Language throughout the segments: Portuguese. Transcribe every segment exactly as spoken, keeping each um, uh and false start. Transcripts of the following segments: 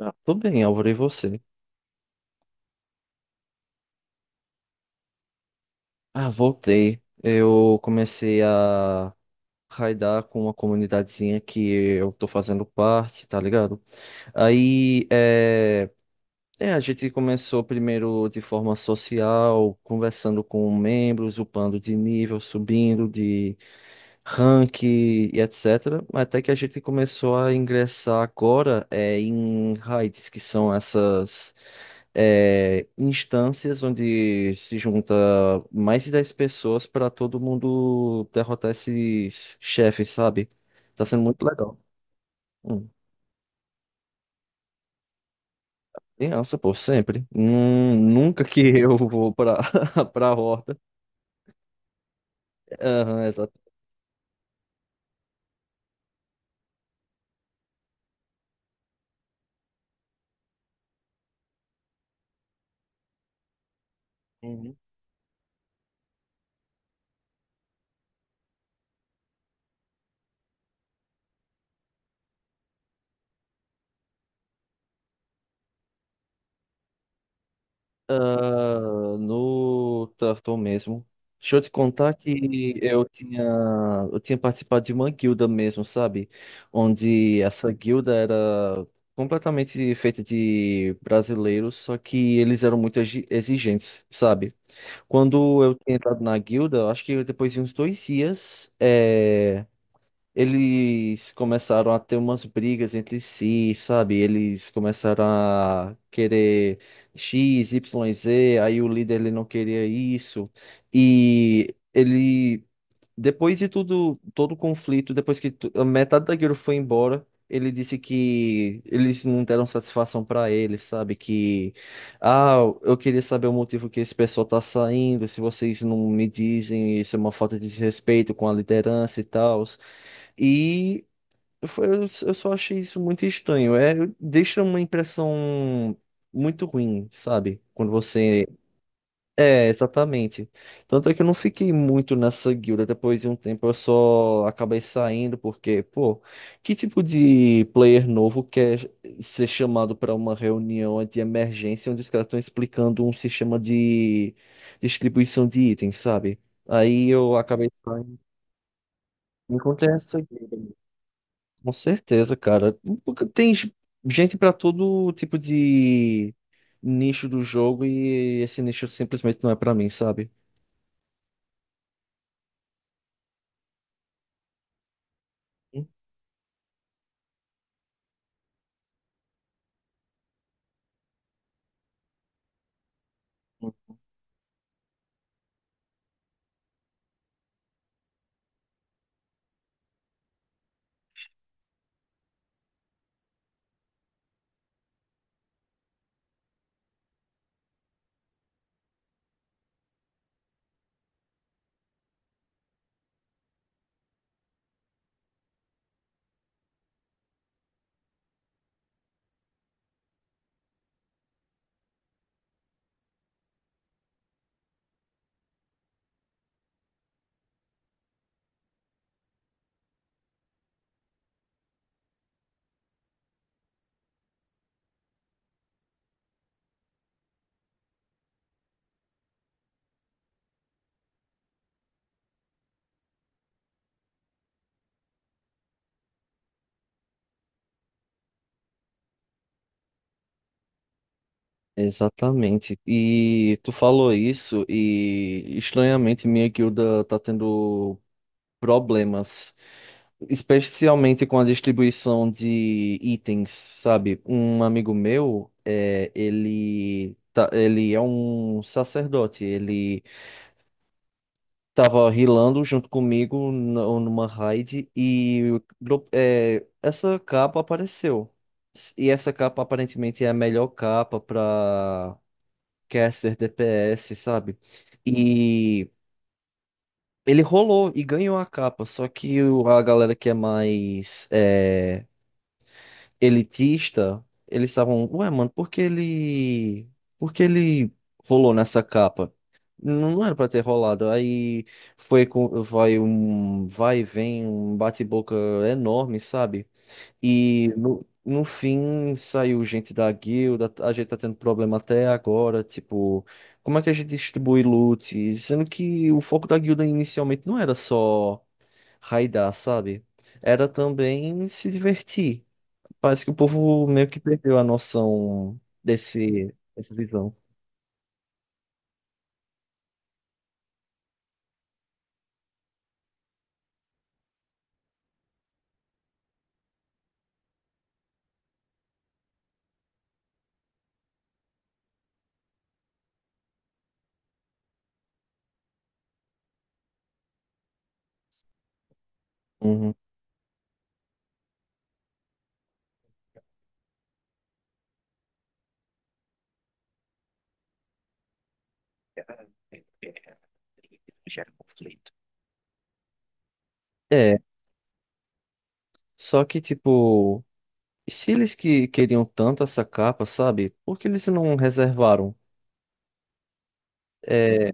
Ah, tudo bem, Álvaro, e você? Ah, voltei. Eu comecei a raidar com uma comunidadezinha que eu tô fazendo parte, tá ligado? Aí, é. É, a gente começou primeiro de forma social, conversando com membros, upando de nível, subindo de rank, e etecetera. Até que a gente começou a ingressar agora é, em raids, que são essas é, instâncias onde se junta mais de dez pessoas para todo mundo derrotar esses chefes, sabe? Tá sendo muito legal. Hum. Criança, pô, sempre. Hum, nunca que eu vou pra, pra horta. Aham, exato. Uhum. Ah, no turtle mesmo. Deixa eu te contar que eu tinha, eu tinha participado de uma guilda mesmo, sabe? Onde essa guilda era completamente feita de brasileiros, só que eles eram muito exi- exigentes, sabe? Quando eu tinha entrado na guilda, eu acho que depois de uns dois dias, eh, eles começaram a ter umas brigas entre si, sabe? Eles começaram a querer X, Y, Z, aí o líder ele não queria isso. E ele depois de tudo, todo o conflito, depois que tu- a metade da guilda foi embora, ele disse que eles não deram satisfação pra ele, sabe? Que, ah, eu queria saber o motivo que esse pessoal tá saindo, se vocês não me dizem, isso é uma falta de respeito com a liderança e tal. E foi- eu eu só achei isso muito estranho. É, deixa uma impressão muito ruim, sabe? Quando você é, exatamente. Tanto é que eu não fiquei muito nessa guilda. Depois de um tempo eu só acabei saindo, porque, pô, que tipo de player novo quer ser chamado para uma reunião de emergência onde os caras estão explicando um sistema de distribuição de itens, sabe? Aí eu acabei saindo. Encontrei essa guilda. Com certeza, cara. Porque tem g- gente para todo tipo de nicho do jogo e esse nicho simplesmente não é para mim, sabe? Exatamente. E tu falou isso e estranhamente minha guilda tá tendo problemas, especialmente com a distribuição de itens, sabe? Um amigo meu, é, ele tá, ele é um sacerdote, ele tava rilando junto comigo nu- numa raid e dro- é, essa capa apareceu. E essa capa aparentemente é a melhor capa para caster, D P S, sabe? E ele rolou e ganhou a capa, só que o- a galera que é mais é, elitista, eles estavam, ué, mano, por que ele, por que ele rolou nessa capa? Não não era pra ter rolado. Aí foi com, vai um vai e vem, um bate-boca enorme, sabe? E no, no fim saiu gente da guilda, a gente tá tendo problema até agora, tipo, como é que a gente distribui loot? Sendo que o foco da guilda inicialmente não era só raidar, sabe? Era também se divertir. Parece que o povo meio que perdeu a noção desse, dessa visão. Uhum. É, só que tipo, se eles que queriam tanto essa capa, sabe? Por que eles não reservaram? É,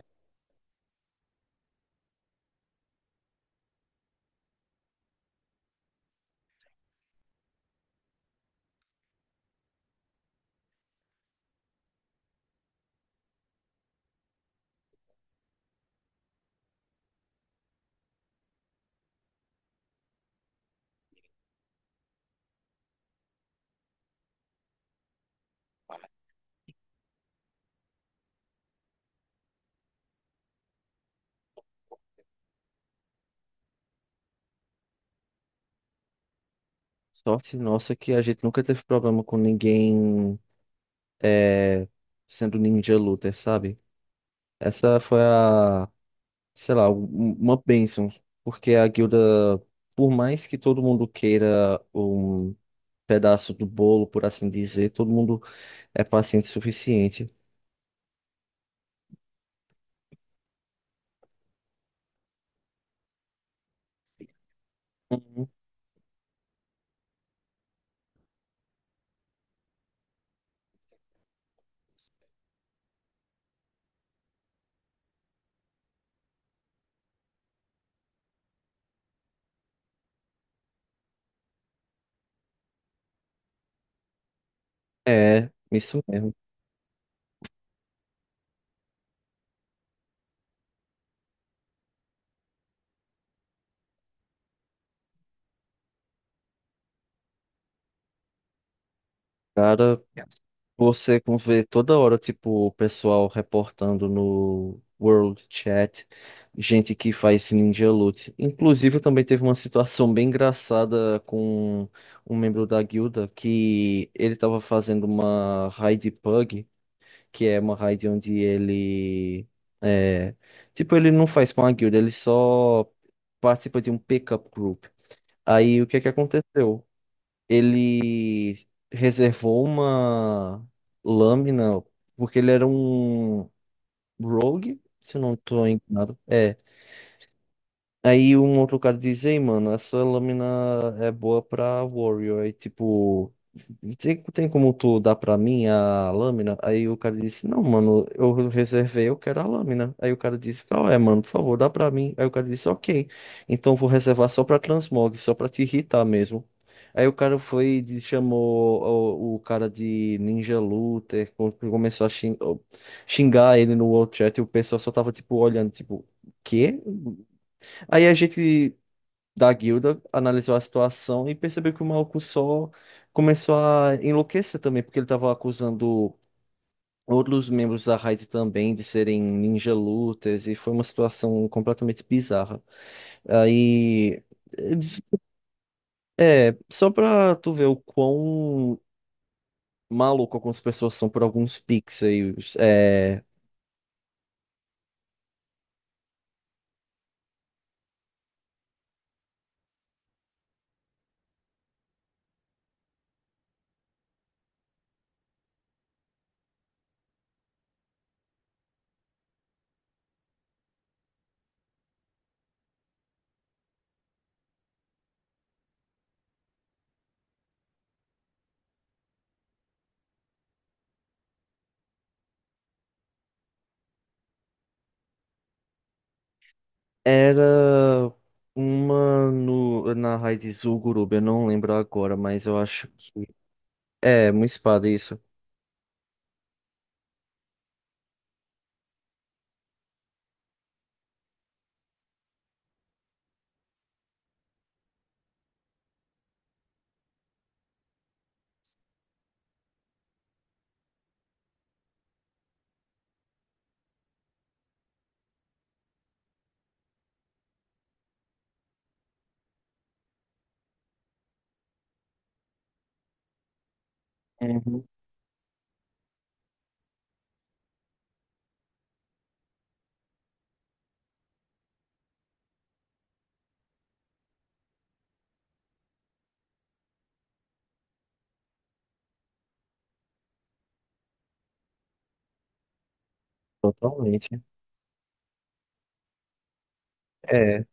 sorte nossa que a gente nunca teve problema com ninguém é, sendo ninja looter, sabe? Essa foi a, sei lá, um- uma bênção. Porque a guilda, por mais que todo mundo queira um pedaço do bolo, por assim dizer, todo mundo é paciente o suficiente. É, isso mesmo. Cara, você como vê toda hora, tipo, o pessoal reportando no World Chat, gente que faz Ninja Loot. Inclusive, também teve uma situação bem engraçada com um membro da guilda que ele tava fazendo uma raid pug, que é uma raid onde ele é, tipo, ele não faz com a guilda, ele só participa de um pickup group. Aí o que é que aconteceu? Ele reservou uma lâmina, porque ele era um rogue, se eu não estou enganado. é Aí um outro cara diz, ei, mano, essa lâmina é boa pra Warrior. Aí, tipo, tem, tem como tu dar pra mim a lâmina? Aí o cara disse, não, mano, eu reservei, eu quero a lâmina. Aí o cara disse, qual é, mano, por favor, dá pra mim. Aí o cara disse, ok, então vou reservar só pra Transmog, só pra te irritar mesmo. Aí o cara foi, e de- chamou o, o cara de Ninja Luther, co- começou a xing- xingar ele no World chat e o pessoal só tava, tipo, olhando, tipo, quê? Aí a gente da guilda analisou a situação e percebeu que o maluco só começou a enlouquecer também, porque ele estava acusando outros membros da raid também de serem ninja looters e foi uma situação completamente bizarra. Aí, eles- é, só pra tu ver o quão maluco algumas pessoas são por alguns pixels, é, era uma no, na raid Zul'Gurub, eu não lembro agora, mas eu acho que é, uma espada, isso. Totalmente. É.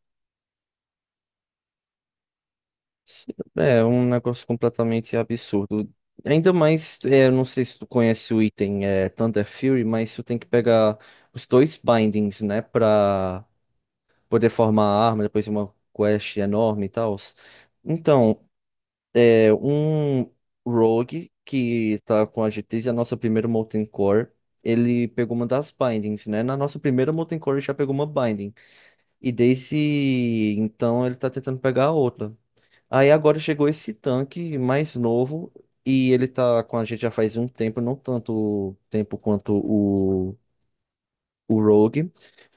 S- é um negócio completamente absurdo. Ainda mais, é, eu não sei se tu conhece o item é, Thunder Fury, mas tu tem que pegar os dois bindings, né? Pra poder formar a arma, depois de uma quest enorme e tal. Então, é um Rogue que tá com a G Tês e a nossa primeira Molten Core. Ele pegou uma das bindings, né? Na nossa primeira Molten Core ele já pegou uma binding. E desse, então, ele tá tentando pegar a outra. Aí agora chegou esse tanque mais novo e ele tá com a gente já faz um tempo, não tanto tempo quanto o, o Rogue.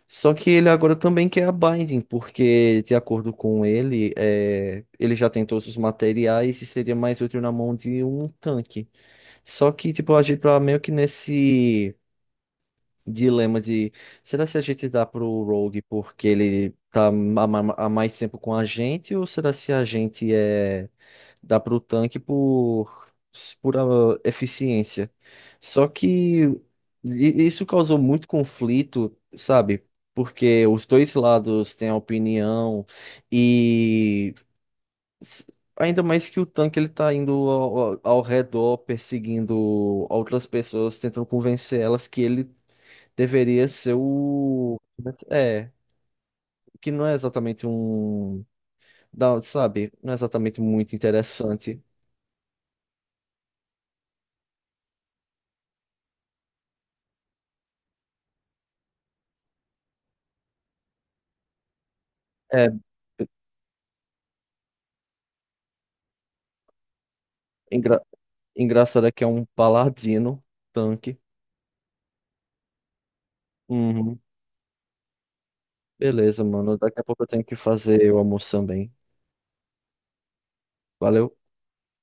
Só que ele agora também quer a Binding, porque de acordo com ele, é, ele já tem todos os materiais e seria mais útil na mão de um tanque. Só que, tipo, a gente tá meio que nesse dilema de será se a gente dá pro Rogue porque ele tá há ma- há mais tempo com a gente ou será se a gente é dá pro tanque por pura eficiência. Só que i- isso causou muito conflito, sabe? Porque os dois lados têm a opinião e s- ainda mais que o tanque ele tá indo ao, ao ao redor perseguindo outras pessoas, tentando convencer elas que ele deveria ser o. É, que não é exatamente um. dá- Sabe? Não é exatamente muito interessante. É, engra... engraçado é que é um paladino tanque. Uhum. Beleza, mano. Daqui a pouco eu tenho que fazer o almoço também. Valeu.